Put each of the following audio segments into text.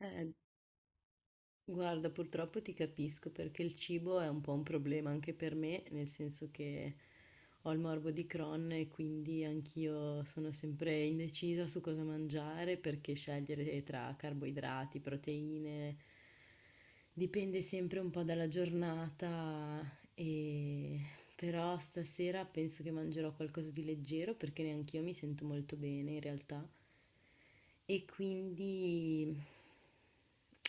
Eh, guarda, purtroppo ti capisco perché il cibo è un po' un problema anche per me, nel senso che ho il morbo di Crohn e quindi anch'io sono sempre indecisa su cosa mangiare perché scegliere tra carboidrati, proteine, dipende sempre un po' dalla giornata e però stasera penso che mangerò qualcosa di leggero perché neanch'io mi sento molto bene in realtà. E quindi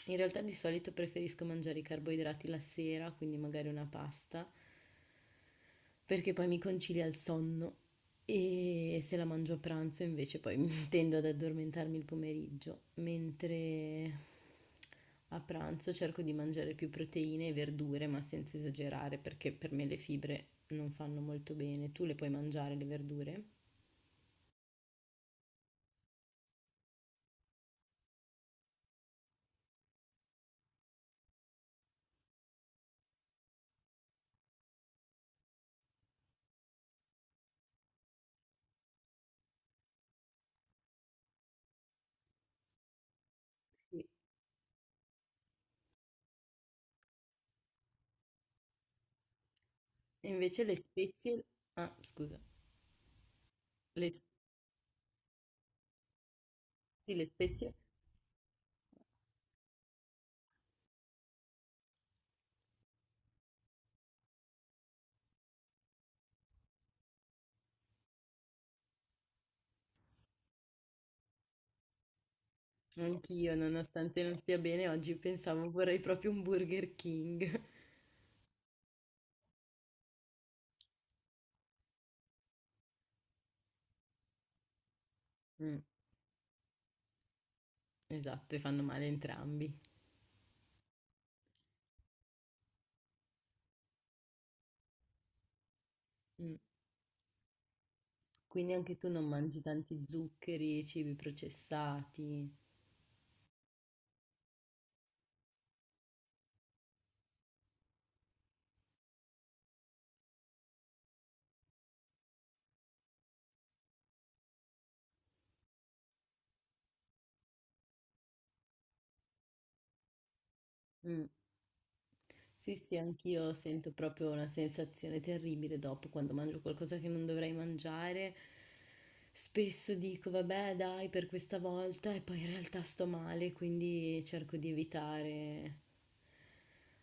in realtà di solito preferisco mangiare i carboidrati la sera, quindi magari una pasta, perché poi mi concilia il sonno e se la mangio a pranzo invece poi tendo ad addormentarmi il pomeriggio, mentre a pranzo cerco di mangiare più proteine e verdure, ma senza esagerare, perché per me le fibre non fanno molto bene. Tu le puoi mangiare le verdure? Sì. E invece le spezie... Ah, scusa. Le, sì, le spezie... Anch'io, nonostante non stia bene, oggi pensavo vorrei proprio un Burger King. Mm, esatto, e fanno male entrambi. Mm. Quindi anche tu non mangi tanti zuccheri, cibi processati. Mm. Sì, sì, anch'io sento proprio una sensazione terribile dopo quando mangio qualcosa che non dovrei mangiare. Spesso dico, vabbè, dai, per questa volta e poi in realtà sto male, quindi cerco di evitare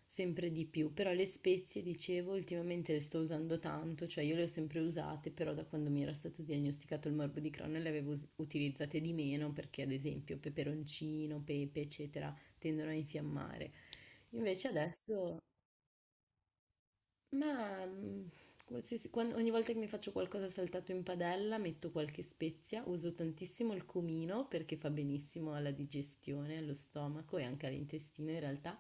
sempre di più. Però le spezie, dicevo, ultimamente le sto usando tanto, cioè io le ho sempre usate, però da quando mi era stato diagnosticato il morbo di Crohn le avevo utilizzate di meno perché ad esempio peperoncino, pepe, eccetera, tendono a infiammare. Invece adesso ma, qualsiasi quan ogni volta che mi faccio qualcosa saltato in padella metto qualche spezia, uso tantissimo il cumino perché fa benissimo alla digestione, allo stomaco e anche all'intestino in realtà,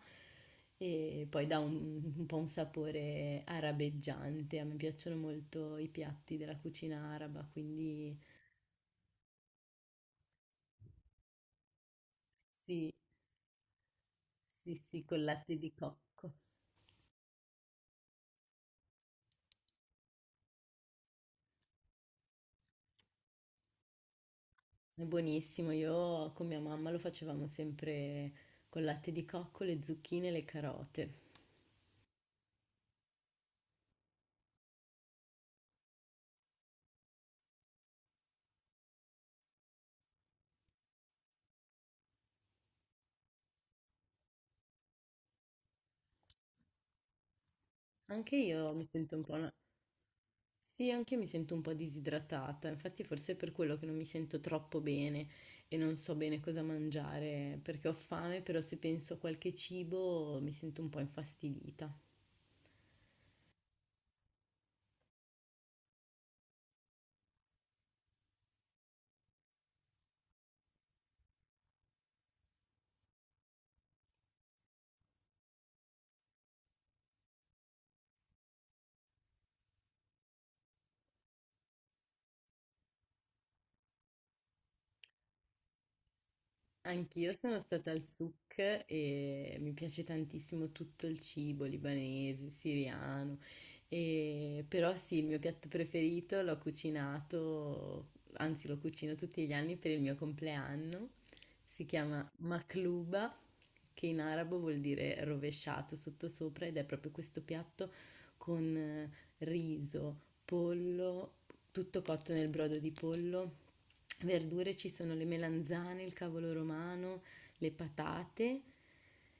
e poi dà un po' un sapore arabeggiante. A me piacciono molto i piatti della cucina araba, quindi sì, sì, sì, col latte di cocco. È buonissimo, io con mia mamma lo facevamo sempre col latte di cocco, le zucchine e le carote. Anche io mi sento un po'... una- Sì, anche io mi sento un po' disidratata, infatti forse è per quello che non mi sento troppo bene e non so bene cosa mangiare, perché ho fame, però se penso a qualche cibo mi sento un po' infastidita. Anch'io sono stata al souk e mi piace tantissimo tutto il cibo libanese, siriano, però sì, il mio piatto preferito l'ho cucinato, anzi lo cucino tutti gli anni per il mio compleanno, si chiama maklouba, che in arabo vuol dire rovesciato sottosopra ed è proprio questo piatto con riso, pollo, tutto cotto nel brodo di pollo. Verdure ci sono le melanzane, il cavolo romano, le patate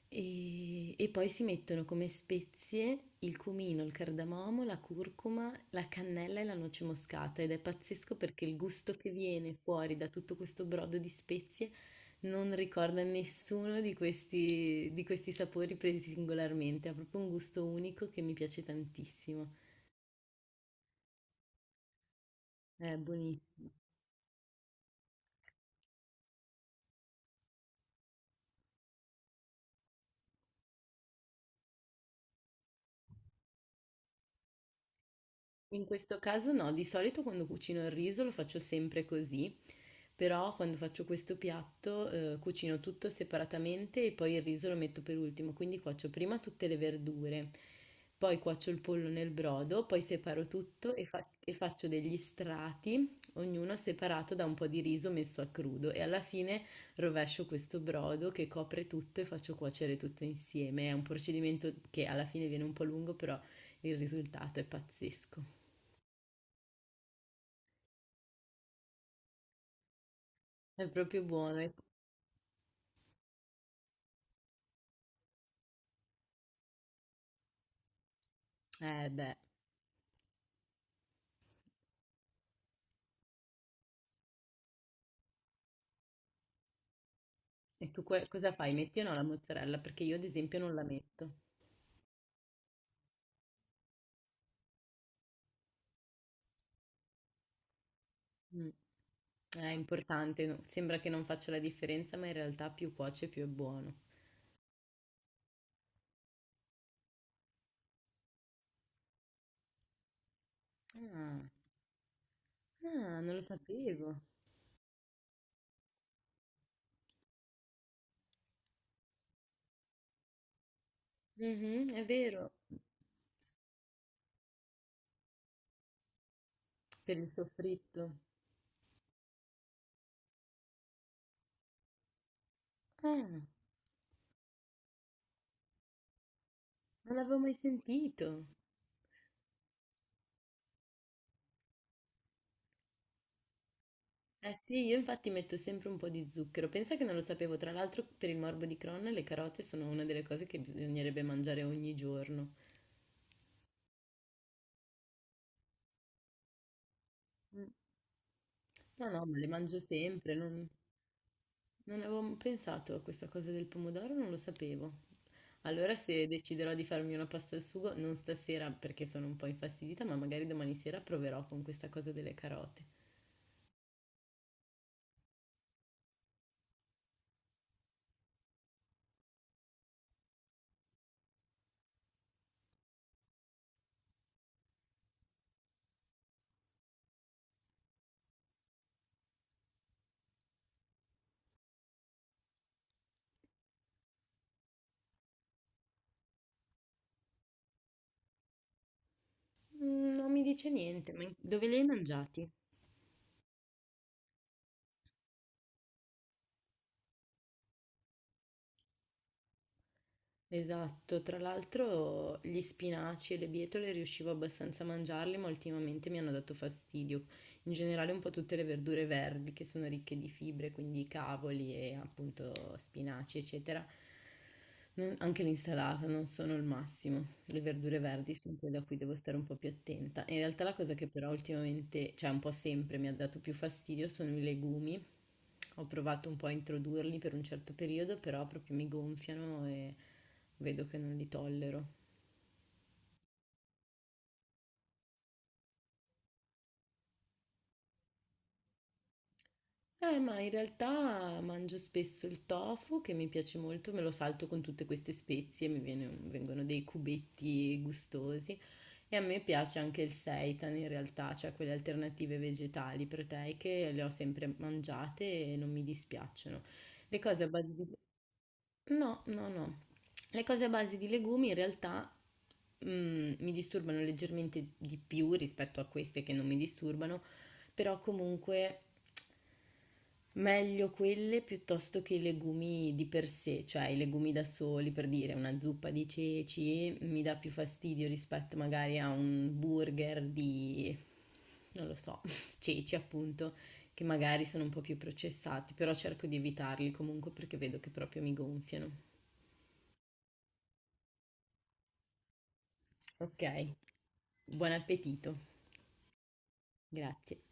e poi si mettono come spezie il cumino, il cardamomo, la curcuma, la cannella e la noce moscata ed è pazzesco perché il gusto che viene fuori da tutto questo brodo di spezie non ricorda nessuno di questi, di questi sapori presi singolarmente, ha proprio un gusto unico che mi piace tantissimo. È buonissimo. In questo caso no, di solito quando cucino il riso lo faccio sempre così, però quando faccio questo piatto cucino tutto separatamente e poi il riso lo metto per ultimo, quindi cuocio prima tutte le verdure, poi cuocio il pollo nel brodo, poi separo tutto e, e faccio degli strati, ognuno separato da un po' di riso messo a crudo e alla fine rovescio questo brodo che copre tutto e faccio cuocere tutto insieme. È un procedimento che alla fine viene un po' lungo, però il risultato è pazzesco. È proprio buono. E beh, e tu cosa fai? Metti o no la mozzarella? Perché io ad esempio non la metto. Mm. È importante, no? Sembra che non faccia la differenza, ma in realtà più cuoce più è buono. Ah, ah, non lo sapevo. Mhm, è vero. Per il soffritto. Ah, non l'avevo mai sentito. Eh sì, io infatti metto sempre un po' di zucchero. Pensa che non lo sapevo. Tra l'altro, per il morbo di Crohn, le carote sono una delle cose che bisognerebbe mangiare ogni giorno. Mm. No, no, ma le mangio sempre, non, non avevo pensato a questa cosa del pomodoro, non lo sapevo. Allora se deciderò di farmi una pasta al sugo, non stasera perché sono un po' infastidita, ma magari domani sera proverò con questa cosa delle carote. Mm, non mi dice niente, ma dove le hai mangiati? Esatto, tra l'altro gli spinaci e le bietole riuscivo abbastanza a mangiarli, ma ultimamente mi hanno dato fastidio. In generale un po' tutte le verdure verdi che sono ricche di fibre, quindi cavoli e appunto spinaci, eccetera. Anche l'insalata non sono il massimo. Le verdure verdi sono quelle a cui devo stare un po' più attenta. In realtà la cosa che però ultimamente, cioè un po' sempre mi ha dato più fastidio sono i legumi. Ho provato un po' a introdurli per un certo periodo, però proprio mi gonfiano e vedo che non li tollero. Ma in realtà mangio spesso il tofu che mi piace molto, me lo salto con tutte queste spezie, vengono dei cubetti gustosi e a me piace anche il seitan in realtà, cioè quelle alternative vegetali proteiche, le ho sempre mangiate e non mi dispiacciono. Le cose a base di... No, no, no. Le cose a base di legumi in realtà mm, mi disturbano leggermente di più rispetto a queste che non mi disturbano, però comunque meglio quelle piuttosto che i legumi di per sé, cioè i legumi da soli, per dire una zuppa di ceci mi dà più fastidio rispetto magari a un burger di, non lo so, ceci appunto, che magari sono un po' più processati, però cerco di evitarli comunque perché vedo che proprio mi gonfiano. Ok. Buon appetito, grazie.